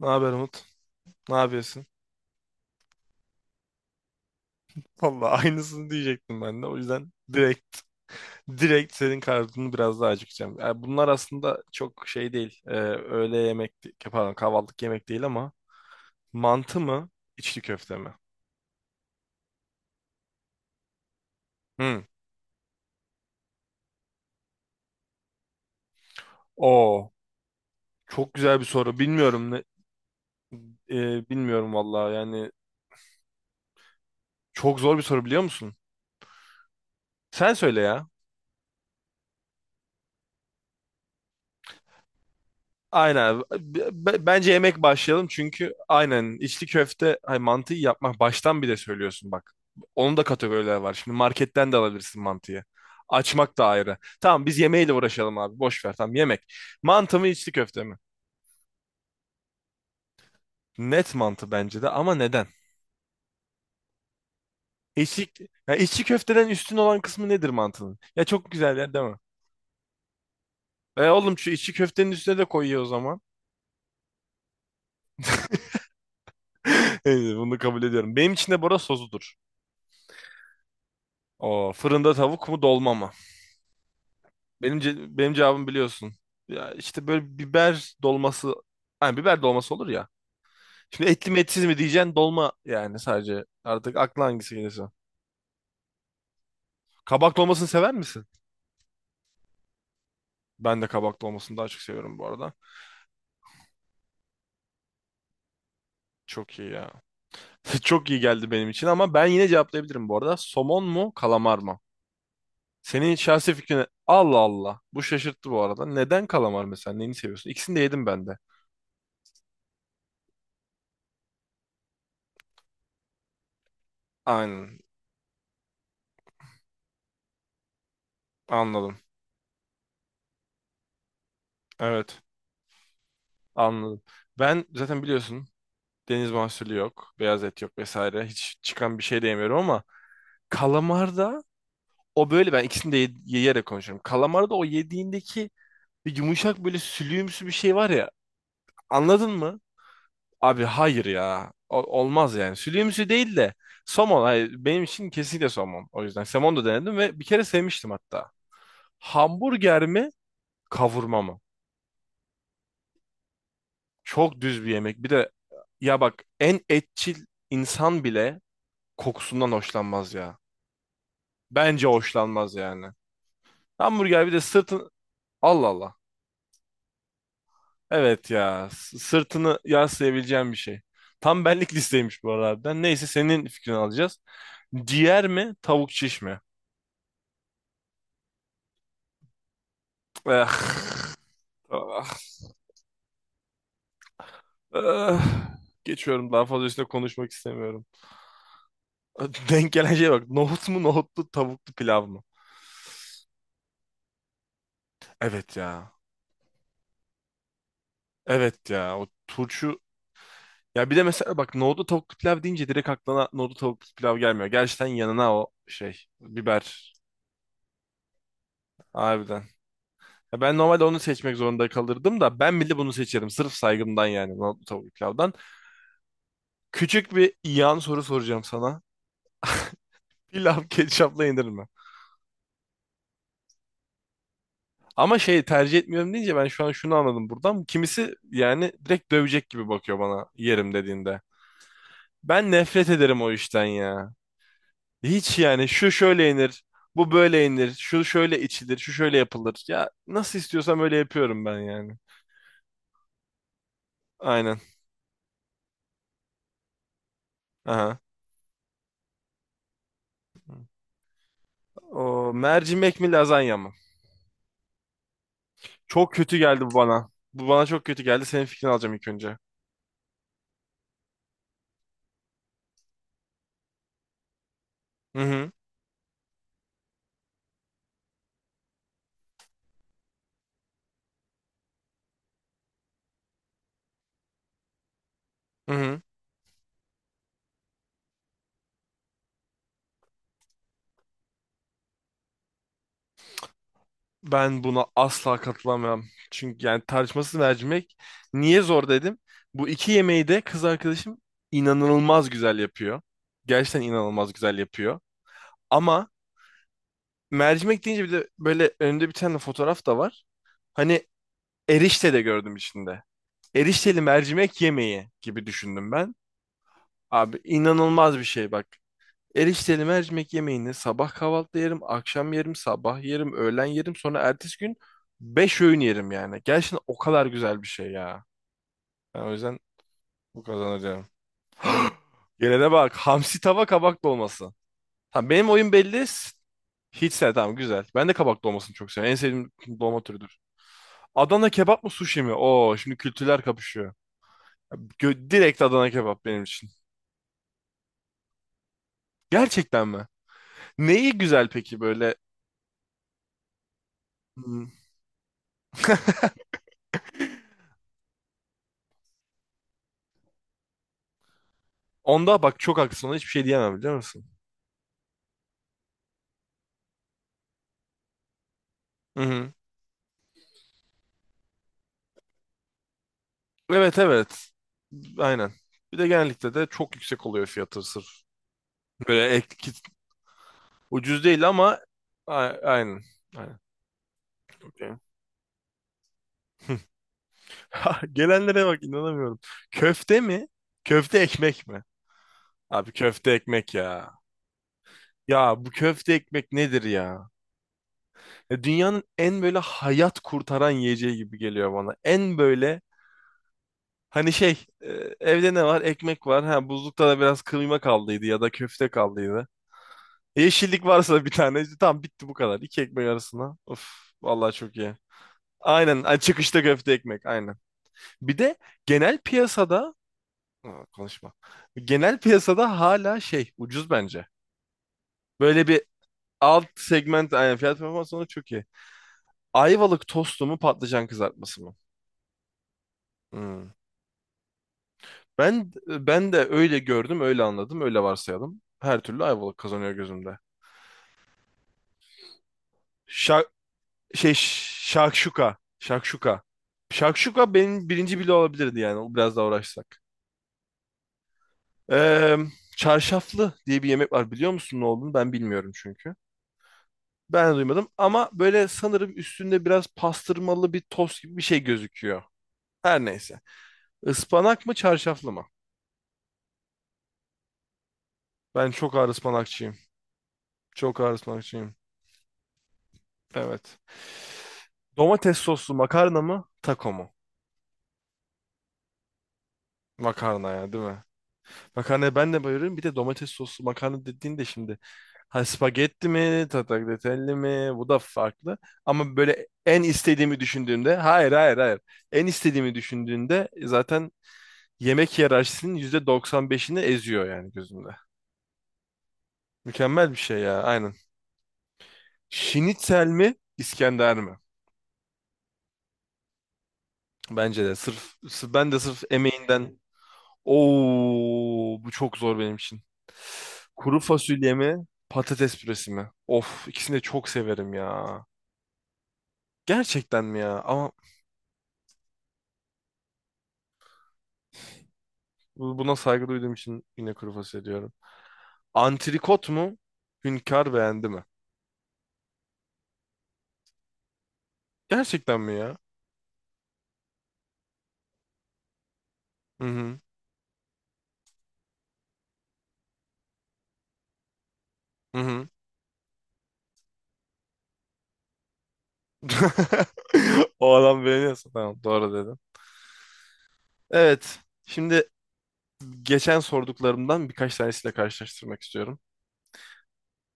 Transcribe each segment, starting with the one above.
Ne haber Umut? Ne yapıyorsun? Vallahi aynısını diyecektim ben de. O yüzden direkt senin kartını biraz daha acıkacağım. Yani bunlar aslında çok şey değil. Öğle yemek, pardon kahvaltılık yemek değil ama mantı mı, içli köfte mi? Hmm. Oo, çok güzel bir soru. Bilmiyorum vallahi. Yani çok zor bir soru biliyor musun? Sen söyle ya. Aynen. Bence yemek başlayalım, çünkü aynen içli köfte hay mantıyı yapmak baştan bir de söylüyorsun bak. Onun da kategoriler var. Şimdi marketten de alabilirsin mantıyı. Açmak da ayrı. Tamam, biz yemeğiyle uğraşalım abi. Boş ver, tamam yemek. Mantı mı içli köfte mi? Net mantı bence de, ama neden? İçli, ya içli köfteden üstün olan kısmı nedir mantının? Ya çok güzel yer değil mi? E oğlum, şu içli köftenin üstüne de koyuyor o zaman. Neyse, bunu kabul ediyorum. Benim için de bora sosudur. O fırında tavuk mu dolma mı? Benim cevabım biliyorsun. Ya işte böyle biber dolması, hani biber dolması olur ya. Şimdi etli mi etsiz mi diyeceksin, dolma yani sadece. Artık aklına hangisi gelirse. Kabak dolmasını sever misin? Ben de kabak dolmasını daha çok seviyorum bu arada. Çok iyi ya. Çok iyi geldi benim için, ama ben yine cevaplayabilirim bu arada. Somon mu, kalamar mı? Senin şahsi fikrine Allah Allah. Bu şaşırttı bu arada. Neden kalamar mesela? Neyini seviyorsun? İkisini de yedim ben de. Aynen. Anladım. Evet. Anladım. Ben zaten biliyorsun, deniz mahsulü yok. Beyaz et yok vesaire. Hiç çıkan bir şey de yemiyorum, ama kalamarda o böyle, ben ikisini de yiyerek konuşuyorum. Kalamarda o yediğindeki bir yumuşak böyle sülüğümsü bir şey var ya. Anladın mı? Abi hayır ya. Olmaz yani. Sülüğümsü değil de somon. Hayır, benim için kesinlikle somon. O yüzden somon da denedim ve bir kere sevmiştim hatta. Hamburger mi? Kavurma mı? Çok düz bir yemek. Bir de ya bak, en etçil insan bile kokusundan hoşlanmaz ya. Bence hoşlanmaz yani. Hamburger bir de sırtın... Allah Allah. Evet ya. Sırtını yaslayabileceğim bir şey. Tam benlik listeymiş bu arada harbiden. Neyse, senin fikrini alacağız. Ciğer mi? Tavuk şiş mi? Eh, ah, eh. Geçiyorum. Daha fazla üstüne konuşmak istemiyorum. Denk gelen şeye bak. Nohut mu nohutlu tavuklu pilav mı? Evet ya. Evet ya. O turşu... Ya bir de mesela bak, nohutlu tavuklu pilav deyince direkt aklına nohutlu tavuklu pilav gelmiyor. Gerçekten yanına o şey biber. Harbiden. Ya ben normalde onu seçmek zorunda kalırdım da, ben bile bunu seçerim. Sırf saygımdan yani, nohutlu tavuk pilavdan. Küçük bir yan soru soracağım sana. Pilav ketçapla yenir mi? Ama şey tercih etmiyorum deyince ben şu an şunu anladım buradan. Kimisi yani direkt dövecek gibi bakıyor bana yerim dediğinde. Ben nefret ederim o işten ya. Hiç yani, şu şöyle yenir, bu böyle yenir, şu şöyle içilir, şu şöyle yapılır. Ya nasıl istiyorsam öyle yapıyorum ben yani. Aynen. Aha. O mercimek mi lazanya mı? Çok kötü geldi bu bana. Bu bana çok kötü geldi. Senin fikrini alacağım ilk önce. Hı hı. Hı hı. Ben buna asla katılamam. Çünkü yani tartışmasız mercimek, niye zor dedim. Bu iki yemeği de kız arkadaşım inanılmaz güzel yapıyor. Gerçekten inanılmaz güzel yapıyor. Ama mercimek deyince bir de böyle önünde bir tane fotoğraf da var. Hani erişte de gördüm içinde. Erişteli mercimek yemeği gibi düşündüm ben. Abi inanılmaz bir şey bak. Erişteli mercimek yemeğini sabah kahvaltıda yerim, akşam yerim, sabah yerim, öğlen yerim, sonra ertesi gün 5 öğün yerim yani. Gerçekten o kadar güzel bir şey ya. Ben o yüzden bu kazanır diyorum. Gelene bak. Hamsi tava kabak dolması. Tamam, benim oyun belli. Hiç sen tamam güzel. Ben de kabak dolmasını çok seviyorum. En sevdiğim dolma türüdür. Adana kebap mı sushi mi? Oo, şimdi kültürler kapışıyor. Direkt Adana kebap benim için. Gerçekten mi? Neyi güzel peki böyle? Hmm. Onda bak çok haklısın. Ona hiçbir şey diyemem biliyor musun? Hı hı. Evet, evet. Aynen. Bir de genellikle de çok yüksek oluyor fiyatı sırf. Böyle ucuz değil ama a- aynen. Aynen. Okey. Ha, gelenlere bak inanamıyorum. Köfte mi? Köfte ekmek mi? Abi köfte ekmek ya. Ya bu köfte ekmek nedir ya? Ya dünyanın en böyle hayat kurtaran yiyeceği gibi geliyor bana. En böyle. Hani şey, evde ne var? Ekmek var. Ha, buzlukta da biraz kıyma kaldıydı ya da köfte kaldıydı. E, yeşillik varsa da bir tane. İşte tamam, bitti bu kadar. İki ekmek arasına. Of, vallahi çok iyi. Aynen ay, çıkışta köfte ekmek aynen. Bir de genel piyasada... Aa, konuşma. Genel piyasada hala şey ucuz bence. Böyle bir alt segment aynen, fiyat performans olarak çok iyi. Ayvalık tostu mu patlıcan kızartması mı? Hmm. Ben de öyle gördüm, öyle anladım, öyle varsayalım. Her türlü Ayvalık kazanıyor gözümde. Şa şey şakşuka. Şakşuka. Şakşuka benim birinci bile olabilirdi yani. O biraz daha uğraşsak. Ee, çarşaflı diye bir yemek var. Biliyor musun ne olduğunu? Ben bilmiyorum çünkü. Ben de duymadım, ama böyle sanırım üstünde biraz pastırmalı bir tost gibi bir şey gözüküyor. Her neyse. Ispanak mı çarşaflı mı? Ben çok ağır ıspanakçıyım. Çok ağır ıspanakçıyım. Evet. Domates soslu makarna mı? Taco mu? Makarna ya değil mi? Makarnaya ben de bayılıyorum. Bir de domates soslu makarna dediğinde şimdi, ha spagetti mi, tatakletelli mi, bu da farklı. Ama böyle en istediğimi düşündüğümde, hayır hayır hayır. En istediğimi düşündüğünde zaten yemek hiyerarşisinin %95'ini eziyor yani gözümde. Mükemmel bir şey ya aynen. Şinitzel mi İskender mi? Bence de sırf, ben de sırf emeğinden... Oo, bu çok zor benim için. Kuru fasulye mi, patates püresi mi? Of, ikisini de çok severim ya. Gerçekten mi ya? Ama buna saygı duyduğum için yine kuru fasulye diyorum. Antrikot mu, hünkar beğendi mi? Gerçekten mi ya? Hı hı. Hı hı. O adam beğeniyorsa tamam, doğru dedim. Evet. Şimdi geçen sorduklarımdan birkaç tanesiyle karşılaştırmak istiyorum.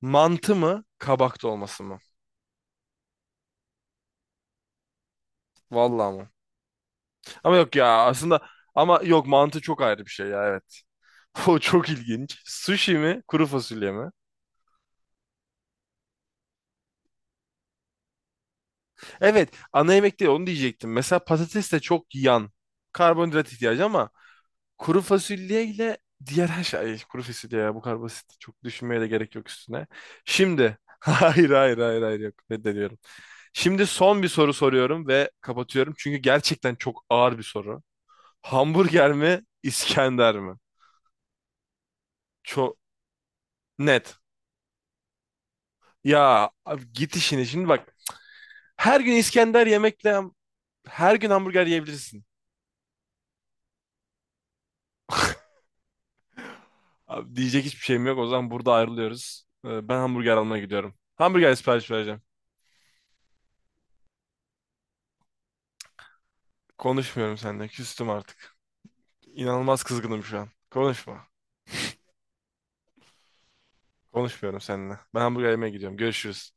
Mantı mı, kabak dolması mı? Vallahi mı? Ama yok ya aslında, ama yok, mantı çok ayrı bir şey ya, evet. O çok ilginç. Sushi mi kuru fasulye mi? Evet, ana yemek değil, onu diyecektim. Mesela patates de çok yan. Karbonhidrat ihtiyacı, ama kuru fasulye ile diğer her şey. Ay, kuru fasulye ya, bu kadar basit. Çok düşünmeye de gerek yok üstüne. Şimdi hayır hayır hayır hayır yok, reddediyorum. Şimdi son bir soru soruyorum ve kapatıyorum. Çünkü gerçekten çok ağır bir soru. Hamburger mi İskender mi? Çok net. Ya abi git işine şimdi bak. Her gün İskender yemekle her gün hamburger yiyebilirsin. Abi diyecek hiçbir şeyim yok. O zaman burada ayrılıyoruz. Ben hamburger almaya gidiyorum. Hamburger sipariş vereceğim. Konuşmuyorum seninle. Küstüm artık. İnanılmaz kızgınım şu an. Konuşma. Konuşmuyorum seninle. Ben hamburger yemeye gidiyorum. Görüşürüz.